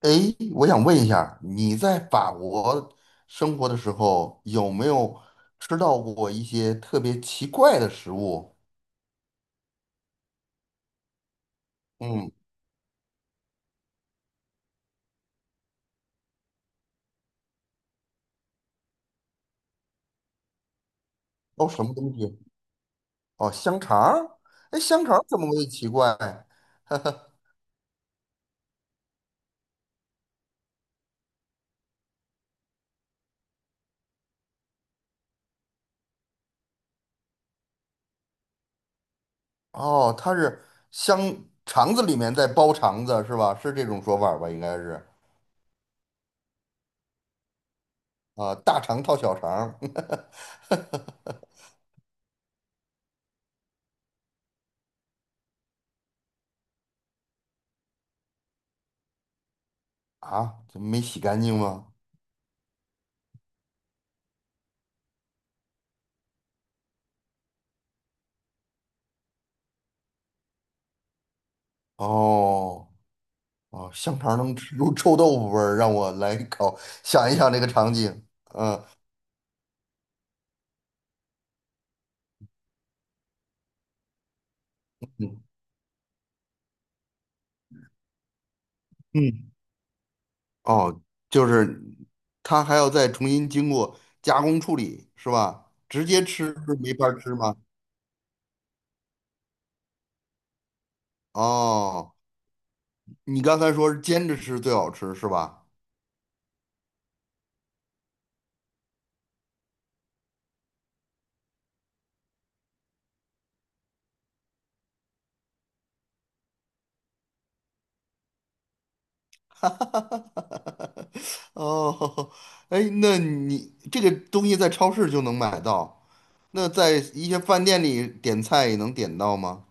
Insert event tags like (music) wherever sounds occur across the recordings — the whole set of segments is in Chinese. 哎，我想问一下你在法国生活的时候，有没有吃到过一些特别奇怪的食物？嗯，都什么东西？哦，香肠儿？哎，香肠儿怎么会奇怪？(laughs) 哦，它是香肠子里面在包肠子是吧？是这种说法儿吧？应该是啊，大肠套小肠儿。 (laughs) 啊，怎么没洗干净吗？哦。哦，香肠能吃出臭豆腐味儿，让我来搞，想一想这个场景。嗯，哦，就是它还要再重新经过加工处理，是吧？直接吃是没法儿吃吗？哦，你刚才说是煎着吃最好吃，是吧？(laughs) 哦，哎，那你这个东西在超市就能买到，那在一些饭店里点菜也能点到吗？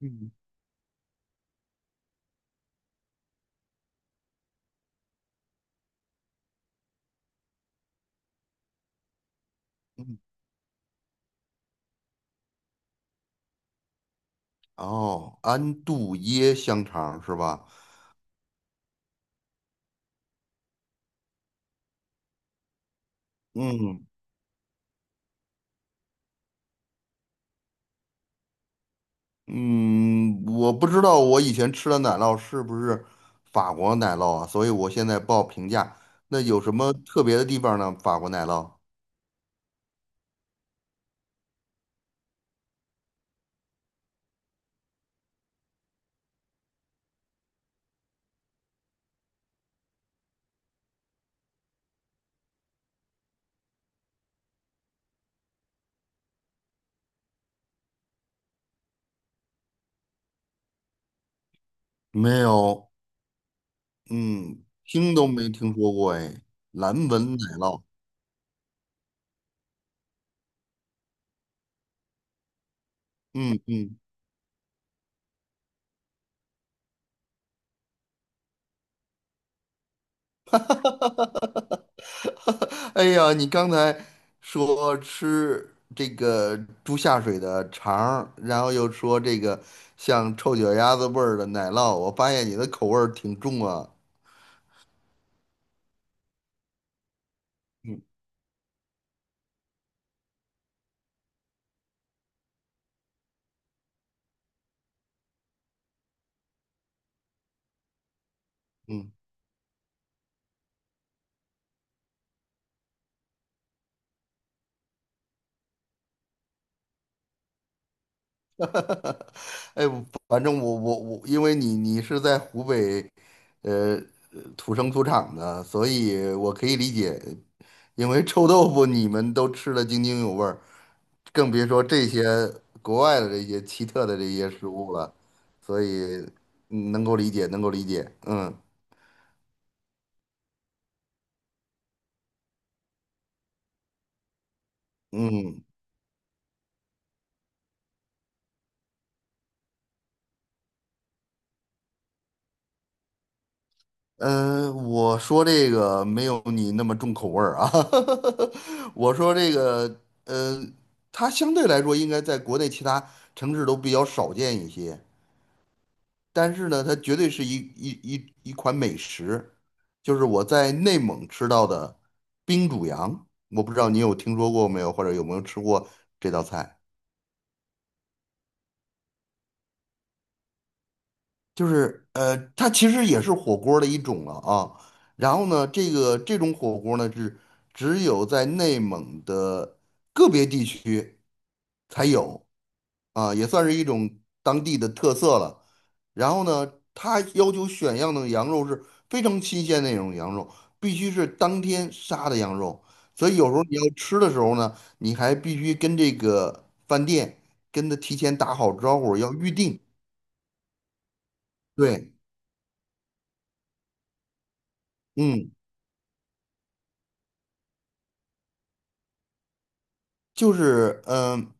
嗯嗯，哦，安度耶香肠是吧？嗯嗯，我不知道我以前吃的奶酪是不是法国奶酪啊，所以我现在报评价。那有什么特别的地方呢？法国奶酪没有，嗯，听都没听说过哎，蓝纹奶酪，嗯嗯，(laughs) 哎呀，你刚才说吃这个猪下水的肠儿，然后又说这个像臭脚丫子味儿的奶酪，我发现你的口味儿挺重啊，嗯。 (laughs) 哎，反正我，因为你是在湖北，呃，呃土生土长的，所以我可以理解，因为臭豆腐你们都吃得津津有味儿，更别说这些国外的这些奇特的这些食物了，所以嗯能够理解，能够理解，嗯嗯。呃，我说这个没有你那么重口味儿啊，(laughs) 我说这个，呃，它相对来说应该在国内其他城市都比较少见一些，但是呢，它绝对是一款美食，就是我在内蒙吃到的冰煮羊，我不知道你有听说过没有，或者有没有吃过这道菜。就是它其实也是火锅儿的一种了啊。然后呢，这种火锅儿呢是只有在内蒙的个别地区才有啊，也算是一种当地的特色了。然后呢，它要求选样的羊肉是非常新鲜的那种羊肉，必须是当天杀的羊肉。所以有时候你要吃的时候呢，你还必须跟这个饭店跟他提前打好招呼，要预定。对，嗯。就是嗯、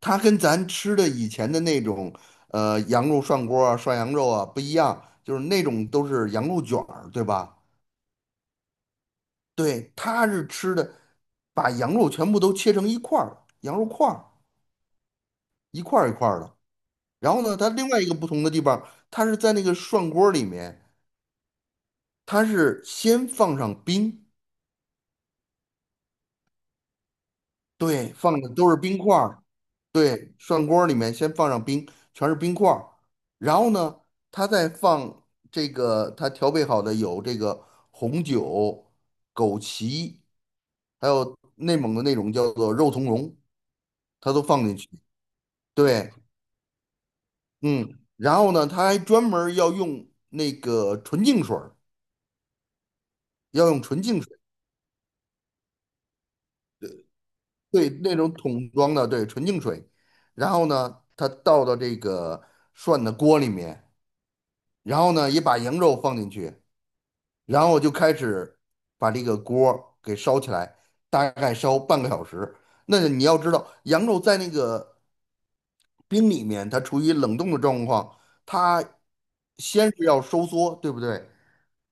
它跟咱吃的以前的那种羊肉涮锅啊、涮羊肉啊不一样，就是那种都是羊肉卷儿，对吧？对，它是吃的，把羊肉全部都切成一块儿，羊肉块儿一块儿一块儿的。然后呢，它另外一个不同的地方，它是在那个涮锅里面，它是先放上冰，对，放的都是冰块儿，对，涮锅儿里面先放上冰，全是冰块儿，然后呢，他再放这个他调配好的有这个红酒、枸杞，还有内蒙的那种叫做肉苁蓉，他都放进去。对，嗯，然后呢，他还专门儿要用那个纯净水儿，要用纯净水，对，那种桶装的，对，纯净水，然后呢，他倒到这个涮的锅里面。然后呢，也把羊肉放进去，然后就开始把这个锅儿给烧起来，大概烧半个小时。那你要知道，羊肉在那个冰里面，它处于冷冻的状况，它先是要收缩，对不对？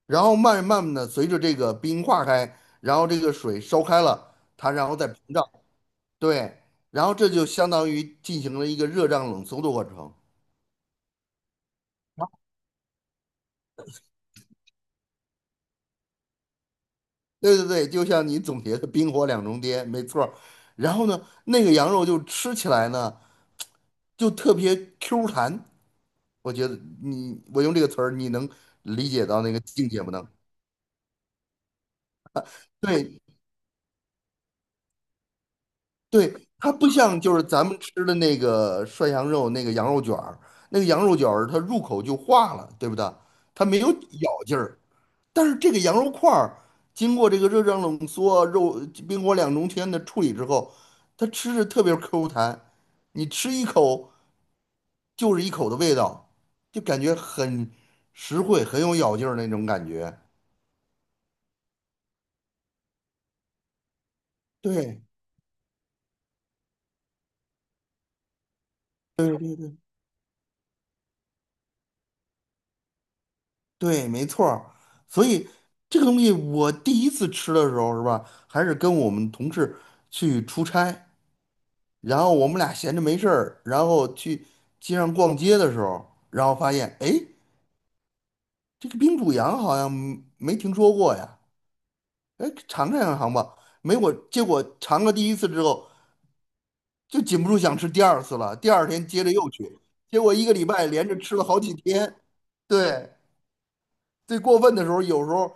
然后慢慢的随着这个冰化开，然后这个水烧开了，它然后再膨胀，对，然后这就相当于进行了一个热胀冷缩的过程。对对对，就像你总结的“冰火两重天”，没错儿。然后呢，那个羊肉就吃起来呢，就特别 Q 弹。我觉得你，我用这个词儿，你能理解到那个境界不能？对对，它不像就是咱们吃的那个涮羊肉那个羊肉卷儿，那个羊肉卷儿它入口就化了，对不对？它没有咬劲儿。但是这个羊肉块儿经过这个热胀冷缩、肉冰火两重天的处理之后，它吃着特别 Q 弹，你吃一口就是一口的味道，就感觉很实惠、很有咬劲儿那种感觉。对对对对，没错儿。所以这个东西我第一次吃的时候是吧，还是跟我们同事去出差，然后我们俩闲着没事儿，然后去街上逛街的时候，然后发现哎。诶这个冰煮羊好像没听说过呀，哎，尝尝吧。没我，结果尝了第一次之后，就禁不住想吃第二次了。第二天接着又去，结果一个礼拜连着吃了好几天。对，最过分的时候，有时候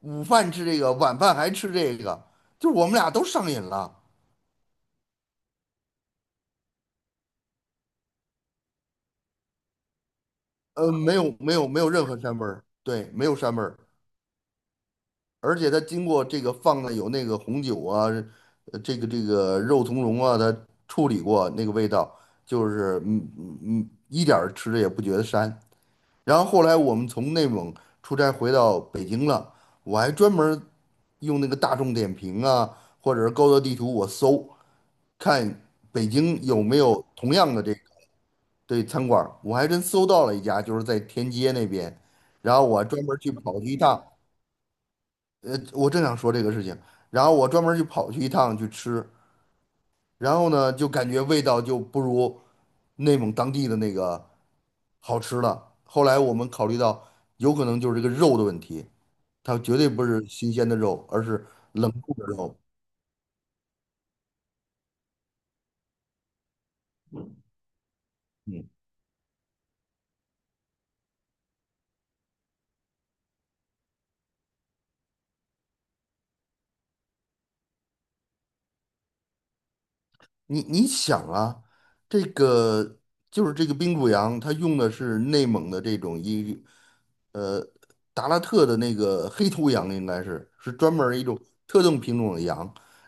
午饭吃这个，晚饭还吃这个，就是我们俩都上瘾了。没有没有没有任何膻味儿，对，没有膻味儿。而且它经过这个放的有那个红酒啊，这个这个肉苁蓉啊，它处理过那个味道，就是嗯嗯嗯，一点儿吃着也不觉得膻。然后后来我们从内蒙出差回到北京了，我还专门儿用那个大众点评啊，或者是高德地图，我搜看北京有没有同样的这个对餐馆儿我还真搜到了一家，就是在天街那边，然后我还专门儿去跑去一趟。我正想说这个事情，然后我专门就跑去一趟去吃，然后呢，就感觉味道就不如内蒙当地的那个好吃了。后来我们考虑到，有可能就是这个肉的问题，它绝对不是新鲜的肉，而是冷冻的肉。你想啊，这个就是这个冰谷羊，它用的是内蒙的这种一，呃，达拉特的那个黑头羊，应该是专门儿一种特定品种的羊。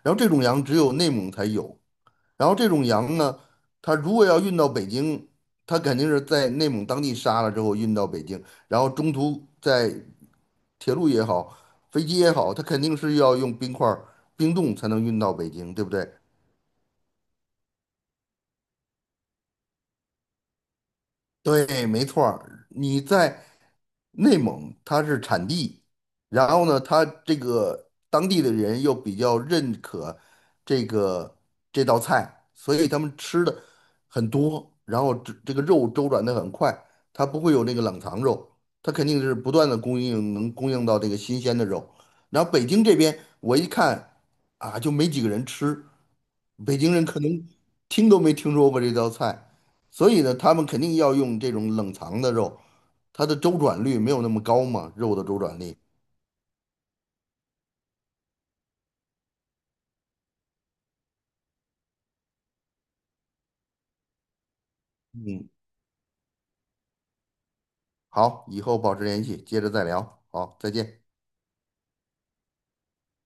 然后这种羊只有内蒙才有。然后这种羊呢，它如果要运到北京，它肯定是在内蒙当地杀了之后运到北京，然后中途在铁路也好，飞机也好，它肯定是要用冰块儿冰冻才能运到北京，对不对？对，没错儿，你在内蒙，它是产地，然后呢，它这个当地的人又比较认可这个这道菜，所以他们吃的很多，然后这个肉周转的很快，它不会有那个冷藏肉，它肯定是不断的供应，能供应到这个新鲜的肉。然后北京这边，我一看啊，就没几个人吃，北京人可能听都没听说过这道菜，所以呢，他们肯定要用这种冷藏的肉，它的周转率没有那么高嘛，肉的周转率。嗯，好，以后保持联系，接着再聊。好，再见。